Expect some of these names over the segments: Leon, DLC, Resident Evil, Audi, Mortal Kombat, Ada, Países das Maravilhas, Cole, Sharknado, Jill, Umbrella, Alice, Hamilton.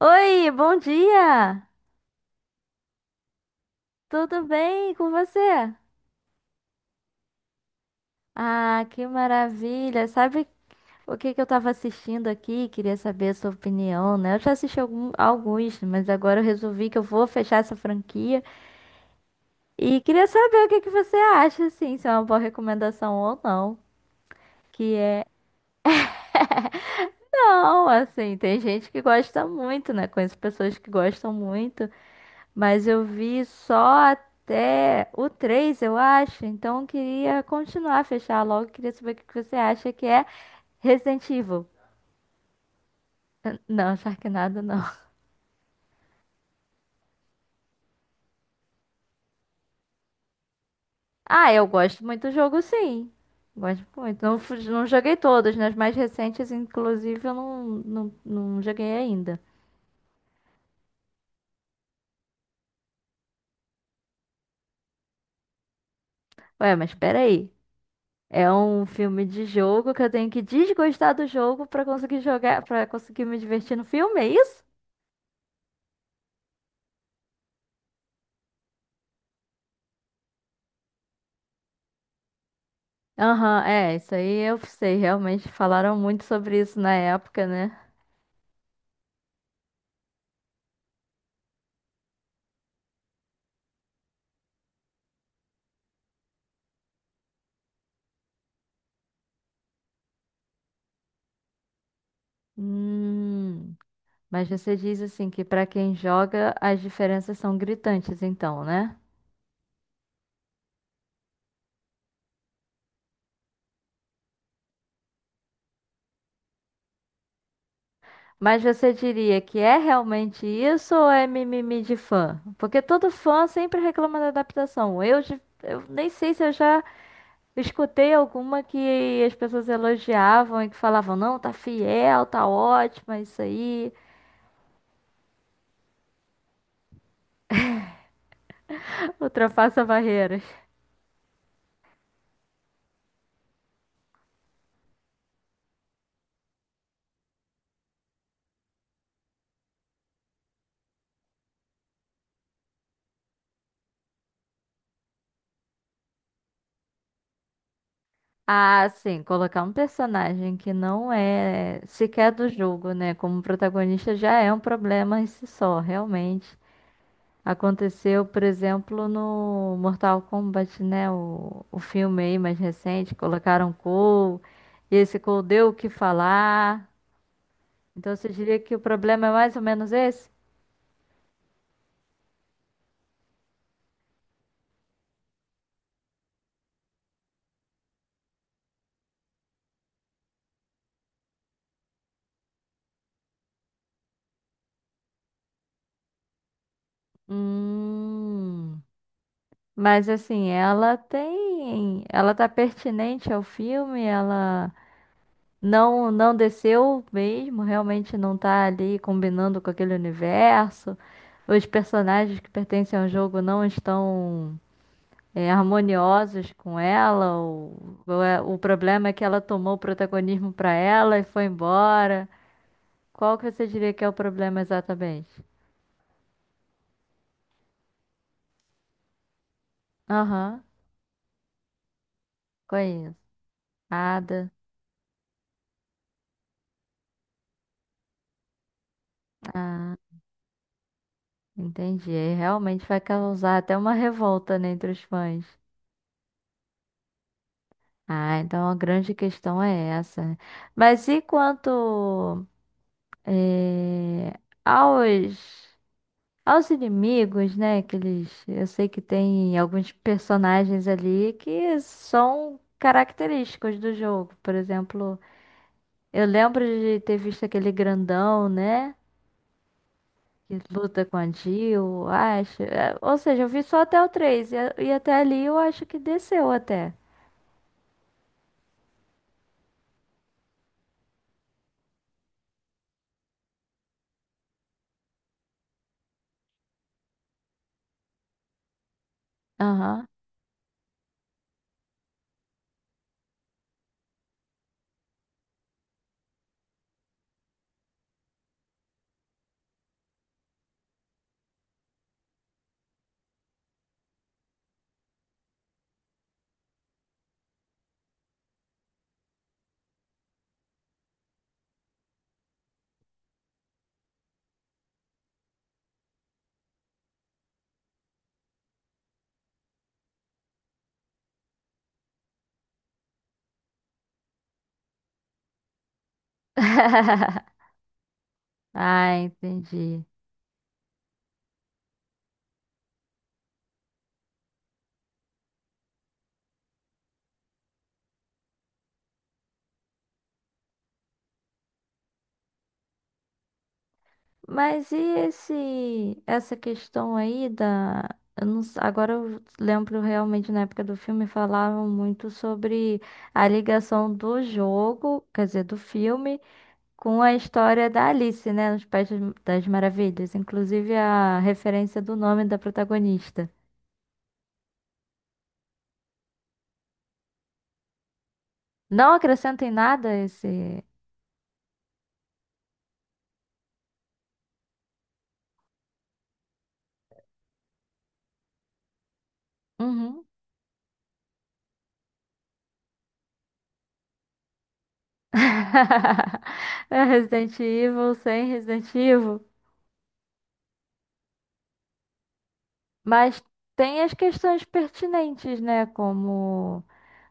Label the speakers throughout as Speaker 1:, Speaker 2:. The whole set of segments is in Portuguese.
Speaker 1: Oi, bom dia! Tudo bem com você? Ah, que maravilha! Sabe o que que eu tava assistindo aqui? Queria saber a sua opinião, né? Eu já assisti alguns, mas agora eu resolvi que eu vou fechar essa franquia e queria saber o que que você acha, assim, se é uma boa recomendação ou não. Que é. Não, assim, tem gente que gosta muito, né? Conheço pessoas que gostam muito. Mas eu vi só até o 3 eu acho. Então eu queria continuar, fechar logo. Queria saber o que que você acha que é Resident Evil. Não, Sharknado não. Ah, eu gosto muito do jogo, sim. Gosto muito. Não, não joguei todos, nas mais recentes, inclusive, eu não, não, não joguei ainda. Ué, mas peraí. É um filme de jogo que eu tenho que desgostar do jogo pra conseguir jogar, pra conseguir me divertir no filme, é isso? Aham, é, isso aí eu sei, realmente falaram muito sobre isso na época, né? Hum, mas você diz assim que pra quem joga as diferenças são gritantes, então, né? Mas você diria que é realmente isso ou é mimimi de fã? Porque todo fã sempre reclama da adaptação. Eu nem sei se eu já escutei alguma que as pessoas elogiavam e que falavam, não, tá fiel, tá ótima, isso aí, ultrapassa barreiras. Ah, sim, colocar um personagem que não é sequer do jogo, né? Como protagonista já é um problema em si só, realmente. Aconteceu, por exemplo, no Mortal Kombat, né? O filme aí mais recente, colocaram Cole, e esse Cole deu o que falar. Então você diria que o problema é mais ou menos esse? Hum. Mas assim, ela tem. Ela tá pertinente ao filme, ela. Não, não desceu mesmo, realmente não tá ali combinando com aquele universo. Os personagens que pertencem ao jogo não estão é, harmoniosos com ela. O problema é que ela tomou o protagonismo pra ela e foi embora. Qual que você diria que é o problema exatamente? Aham, conheço. Ada. Ah, entendi. Aí realmente vai causar até uma revolta, né, entre os fãs. Ah, então a grande questão é essa, né? Mas e quanto eh, aos, aos inimigos, né? Que eles, eu sei que tem alguns personagens ali que são característicos do jogo. Por exemplo, eu lembro de ter visto aquele grandão, né? Que luta com a Jill, acho. É, ou seja, eu vi só até o 3 e até ali eu acho que desceu até. Aham. Ah, entendi. Mas e essa questão aí da. Eu não s- agora eu lembro realmente na época do filme falavam muito sobre a ligação do jogo, quer dizer, do filme, com a história da Alice, né? Nos Países das Maravilhas. Inclusive a referência do nome da protagonista. Não acrescenta em nada esse. Uhum. É Resident Evil sem Resident Evil. Mas tem as questões pertinentes, né? Como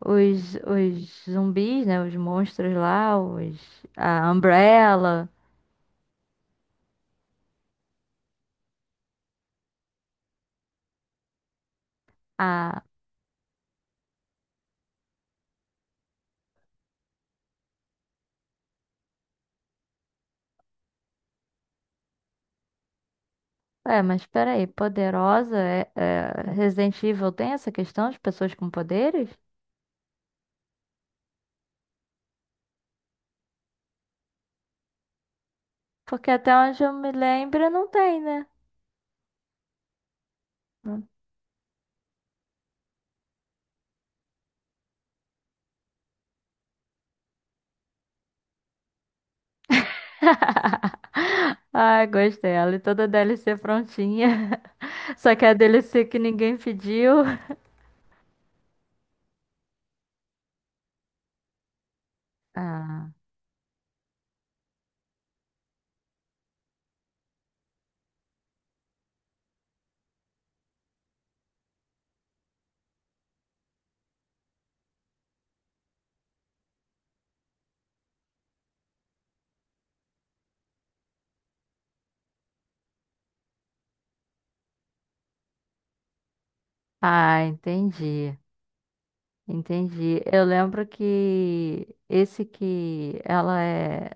Speaker 1: os zumbis, né? Os monstros lá, os, a Umbrella, a. É, mas peraí, poderosa é, Resident Evil tem essa questão de pessoas com poderes? Porque até onde eu me lembro não tem, né? Não. Ai, gostei. Ela e toda a DLC prontinha. Só que é a DLC que ninguém pediu. Ah, ah, entendi. Entendi. Eu lembro que esse que ela é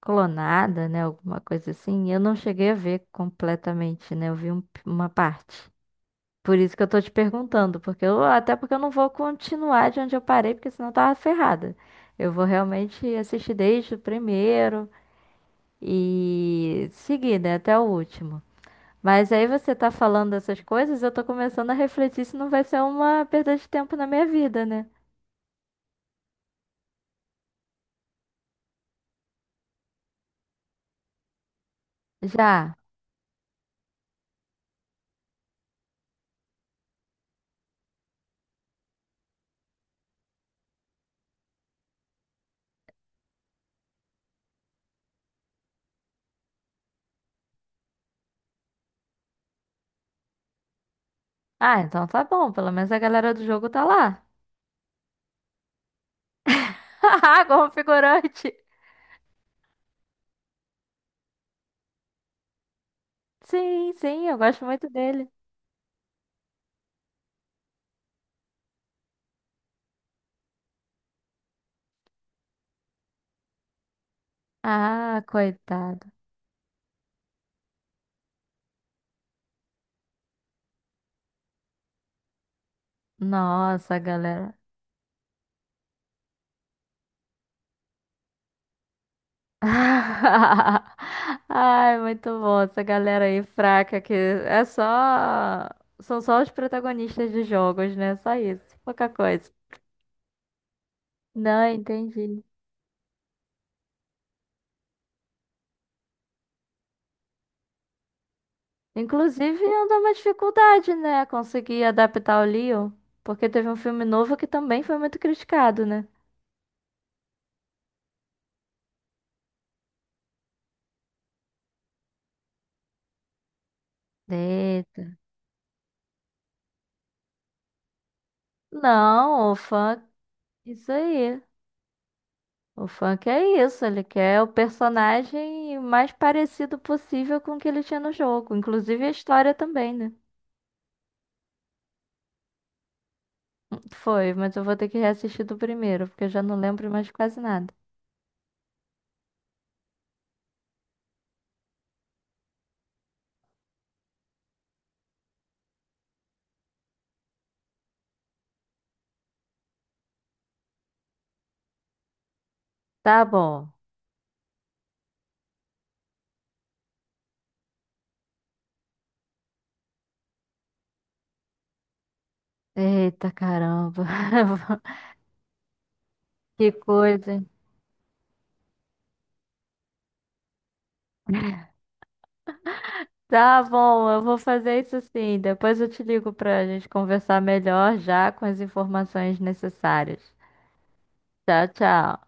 Speaker 1: clonada, né? Alguma coisa assim, eu não cheguei a ver completamente, né? Eu vi uma parte. Por isso que eu tô te perguntando, porque eu, até porque eu não vou continuar de onde eu parei, porque senão eu tava ferrada. Eu vou realmente assistir desde o primeiro e seguir, né, até o último. Mas aí você tá falando essas coisas, eu tô começando a refletir se não vai ser uma perda de tempo na minha vida, né? Já. Ah, então tá bom. Pelo menos a galera do jogo tá lá. Haha, como figurante. Sim, sim, eu gosto muito dele. Ah, coitado. Nossa, galera. Ai, muito bom. Essa galera aí fraca que é só. São só os protagonistas de jogos, né? Só isso. Pouca coisa. Não, entendi. Inclusive, anda uma dificuldade, né? Conseguir adaptar o Leon. Porque teve um filme novo que também foi muito criticado, né? Não, o funk, isso aí. O funk é isso, ele quer o personagem mais parecido possível com o que ele tinha no jogo, inclusive a história também, né? Foi, mas eu vou ter que reassistir do primeiro, porque eu já não lembro mais de quase nada. Tá bom. Eita caramba. Que coisa, hein? Tá bom, eu vou fazer isso sim. Depois eu te ligo pra gente conversar melhor já com as informações necessárias. Tchau, tchau.